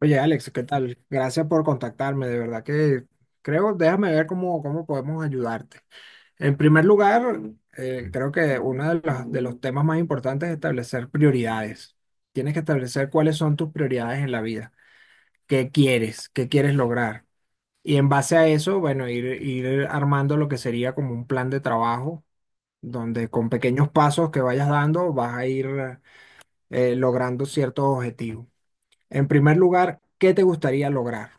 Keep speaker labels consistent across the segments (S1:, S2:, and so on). S1: Oye, Alex, ¿qué tal? Gracias por contactarme, de verdad que creo, déjame ver cómo podemos ayudarte. En primer lugar, creo que uno de los temas más importantes es establecer prioridades. Tienes que establecer cuáles son tus prioridades en la vida, qué quieres lograr. Y en base a eso, bueno, ir armando lo que sería como un plan de trabajo, donde con pequeños pasos que vayas dando vas a ir logrando ciertos objetivos. En primer lugar, ¿qué te gustaría lograr?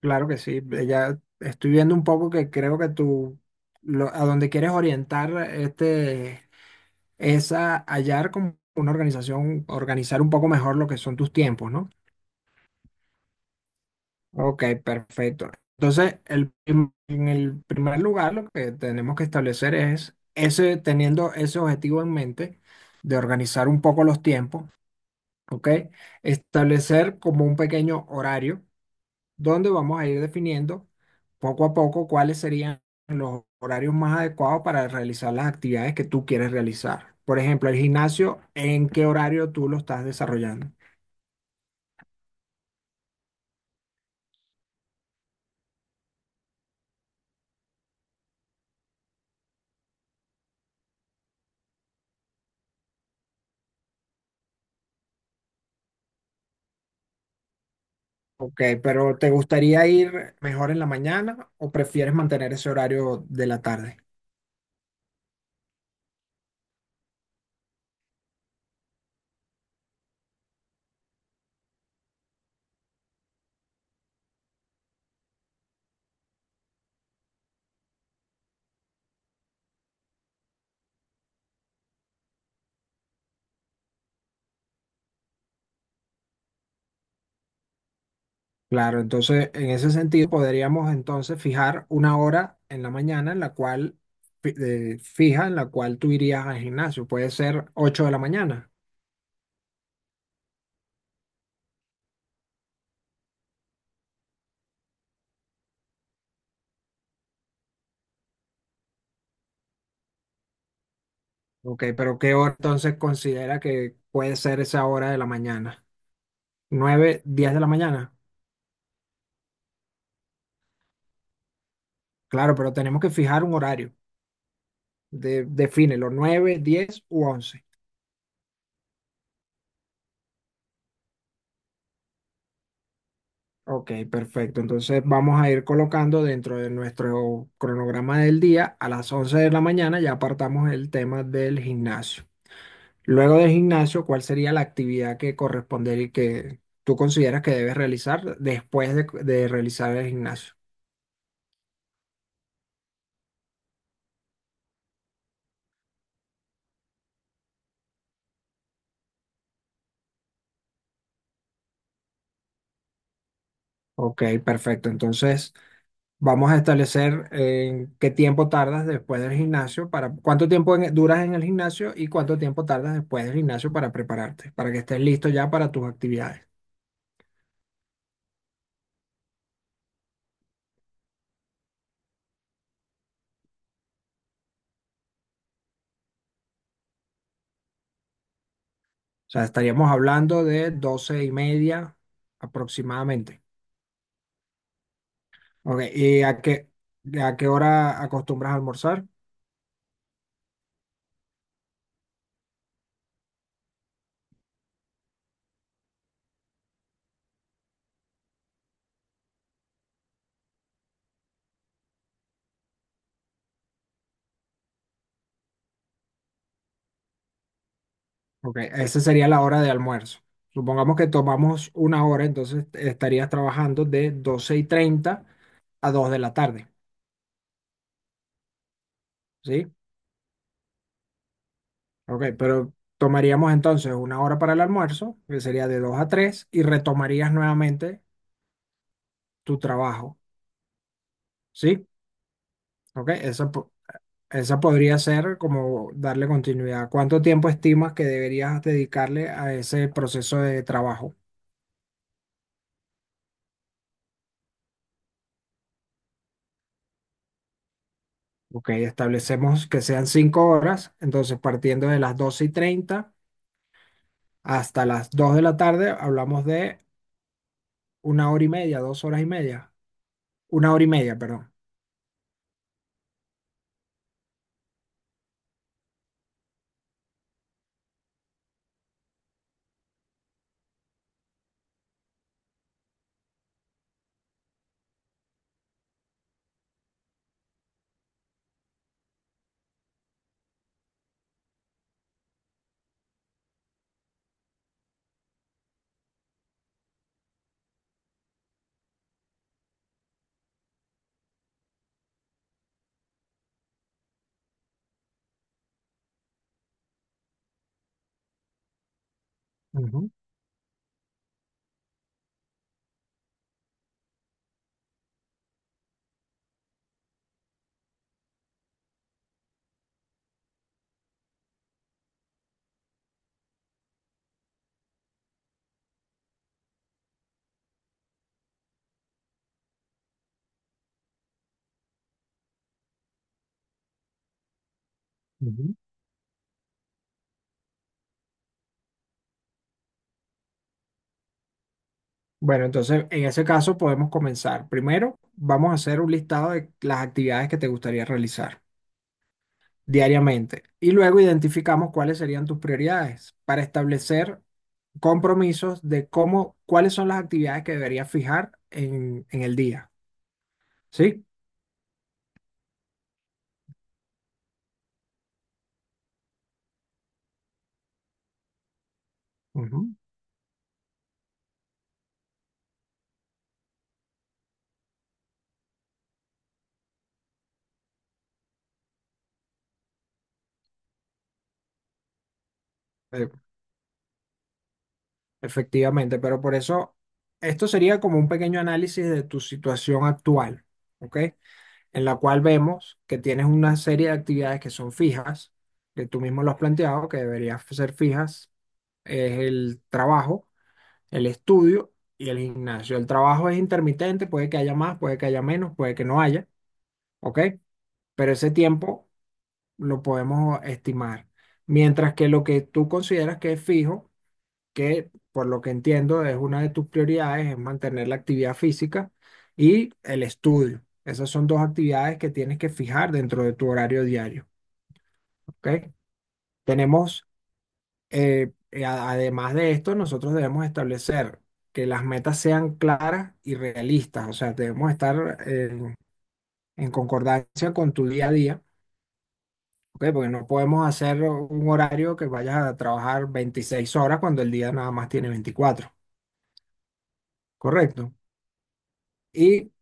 S1: Claro que sí, ya estoy viendo un poco que creo que tú, a donde quieres orientar este, es a hallar como una organización, organizar un poco mejor lo que son tus tiempos, ¿no? Ok, perfecto. Entonces, en el primer lugar, lo que tenemos que establecer es ese, teniendo ese objetivo en mente de organizar un poco los tiempos, ¿ok? Establecer como un pequeño horario, donde vamos a ir definiendo poco a poco cuáles serían los horarios más adecuados para realizar las actividades que tú quieres realizar. Por ejemplo, el gimnasio, ¿en qué horario tú lo estás desarrollando? Ok, pero ¿te gustaría ir mejor en la mañana o prefieres mantener ese horario de la tarde? Claro, entonces en ese sentido podríamos entonces fijar una hora en la mañana en la cual, fija en la cual tú irías al gimnasio. Puede ser 8 de la mañana. Ok, pero ¿qué hora entonces considera que puede ser esa hora de la mañana? ¿9, 10 de la mañana? Claro, pero tenemos que fijar un horario. Defínelo, 9, 10 u 11. Ok, perfecto. Entonces vamos a ir colocando dentro de nuestro cronograma del día, a las 11 de la mañana ya apartamos el tema del gimnasio. Luego del gimnasio, ¿cuál sería la actividad que correspondería y que tú consideras que debes realizar después de realizar el gimnasio? Ok, perfecto. Entonces... Vamos a establecer en qué tiempo tardas después del gimnasio para cuánto tiempo duras en el gimnasio y cuánto tiempo tardas después del gimnasio para prepararte, para que estés listo ya para tus actividades. O sea, estaríamos hablando de 12:30 aproximadamente. Ok, ¿y a qué hora acostumbras a almorzar? Ok, esa sería la hora de almuerzo. Supongamos que tomamos una hora, entonces estarías trabajando de 12:30 a 2 de la tarde, ¿sí? Ok, pero tomaríamos entonces una hora para el almuerzo, que sería de 2 a 3, y retomarías nuevamente tu trabajo, ¿sí? Ok, esa podría ser como darle continuidad. ¿Cuánto tiempo estimas que deberías dedicarle a ese proceso de trabajo? Ok, establecemos que sean 5 horas, entonces partiendo de las 12:30 hasta las 2 de la tarde, hablamos de una hora y media, dos horas y media, una hora y media, perdón. Ujú, ujú. Bueno, entonces en ese caso podemos comenzar. Primero, vamos a hacer un listado de las actividades que te gustaría realizar diariamente y luego identificamos cuáles serían tus prioridades para establecer compromisos de cómo, cuáles son las actividades que deberías fijar en el día. ¿Sí? Ujú. Eh, Efectivamente, pero por eso esto sería como un pequeño análisis de tu situación actual. ¿Ok? En la cual vemos que tienes una serie de actividades que son fijas, que tú mismo lo has planteado, que deberían ser fijas, es el trabajo, el estudio y el gimnasio. El trabajo es intermitente, puede que haya más, puede que haya menos, puede que no haya, ¿ok? Pero ese tiempo lo podemos estimar. Mientras que lo que tú consideras que es fijo, que por lo que entiendo es una de tus prioridades, es mantener la actividad física y el estudio. Esas son dos actividades que tienes que fijar dentro de tu horario diario, ¿ok? Tenemos, además de esto, nosotros debemos establecer que las metas sean claras y realistas, o sea, debemos estar en concordancia con tu día a día. ¿Ok? Porque no podemos hacer un horario que vayas a trabajar 26 horas cuando el día nada más tiene 24, ¿correcto? Y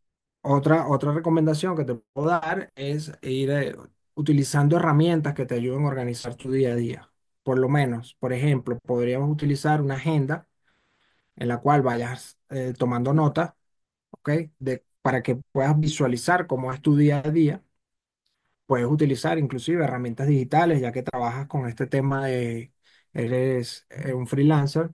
S1: otra recomendación que te puedo dar es ir utilizando herramientas que te ayuden a organizar tu día a día. Por lo menos, por ejemplo, podríamos utilizar una agenda en la cual vayas tomando notas, ¿ok? Para que puedas visualizar cómo es tu día a día. Puedes utilizar inclusive herramientas digitales, ya que trabajas con este tema de, eres un freelancer.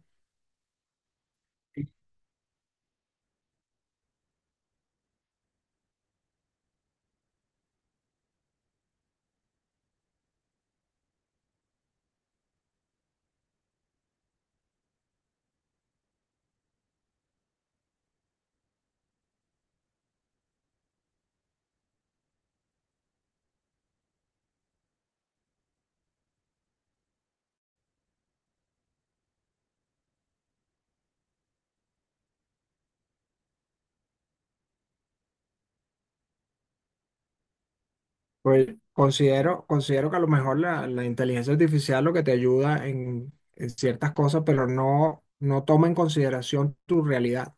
S1: Pues considero que a lo mejor la inteligencia artificial lo que te ayuda en ciertas cosas, pero no toma en consideración tu realidad,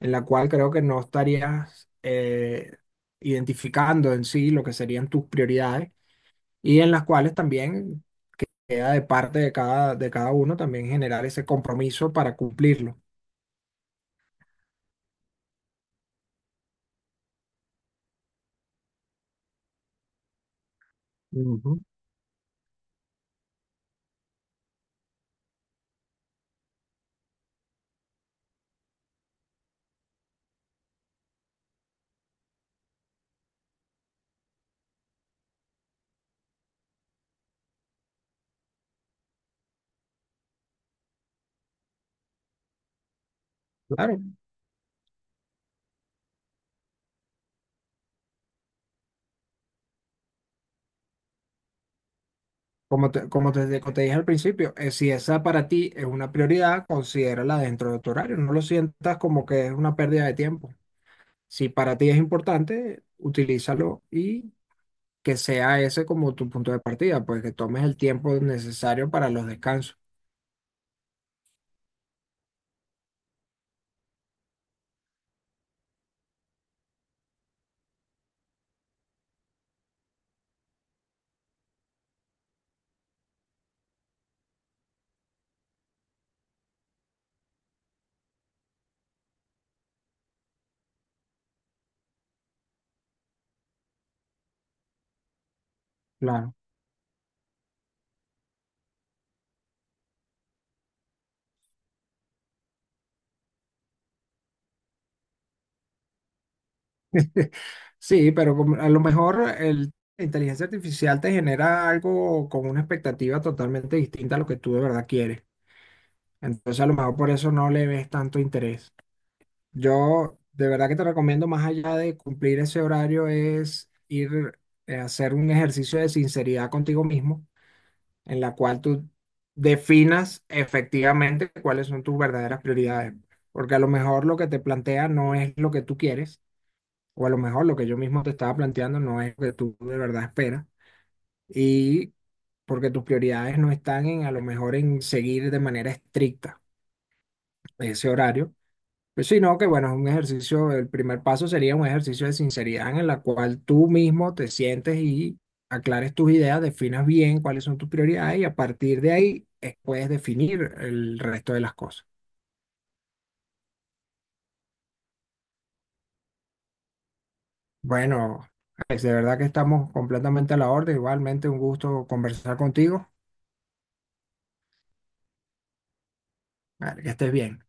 S1: en la cual creo que no estarías identificando en sí lo que serían tus prioridades y en las cuales también queda de parte de cada uno también generar ese compromiso para cumplirlo. Ujú. Claro, como te dije al principio, si esa para ti es una prioridad, considérala dentro de tu horario. No lo sientas como que es una pérdida de tiempo. Si para ti es importante, utilízalo y que sea ese como tu punto de partida, pues que tomes el tiempo necesario para los descansos. Claro. Sí, pero a lo mejor la inteligencia artificial te genera algo con una expectativa totalmente distinta a lo que tú de verdad quieres. Entonces a lo mejor por eso no le ves tanto interés. Yo de verdad que te recomiendo, más allá de cumplir ese horario, es ir a hacer un ejercicio de sinceridad contigo mismo, en la cual tú definas efectivamente cuáles son tus verdaderas prioridades. Porque a lo mejor lo que te plantea no es lo que tú quieres, o a lo mejor lo que yo mismo te estaba planteando no es lo que tú de verdad esperas, y porque tus prioridades no están en a lo mejor en seguir de manera estricta ese horario. Pues sí, no, que bueno, es un ejercicio, el primer paso sería un ejercicio de sinceridad en la cual tú mismo te sientes y aclares tus ideas, definas bien cuáles son tus prioridades y a partir de ahí puedes definir el resto de las cosas. Bueno, es de verdad que estamos completamente a la orden, igualmente un gusto conversar contigo. Vale, que estés bien.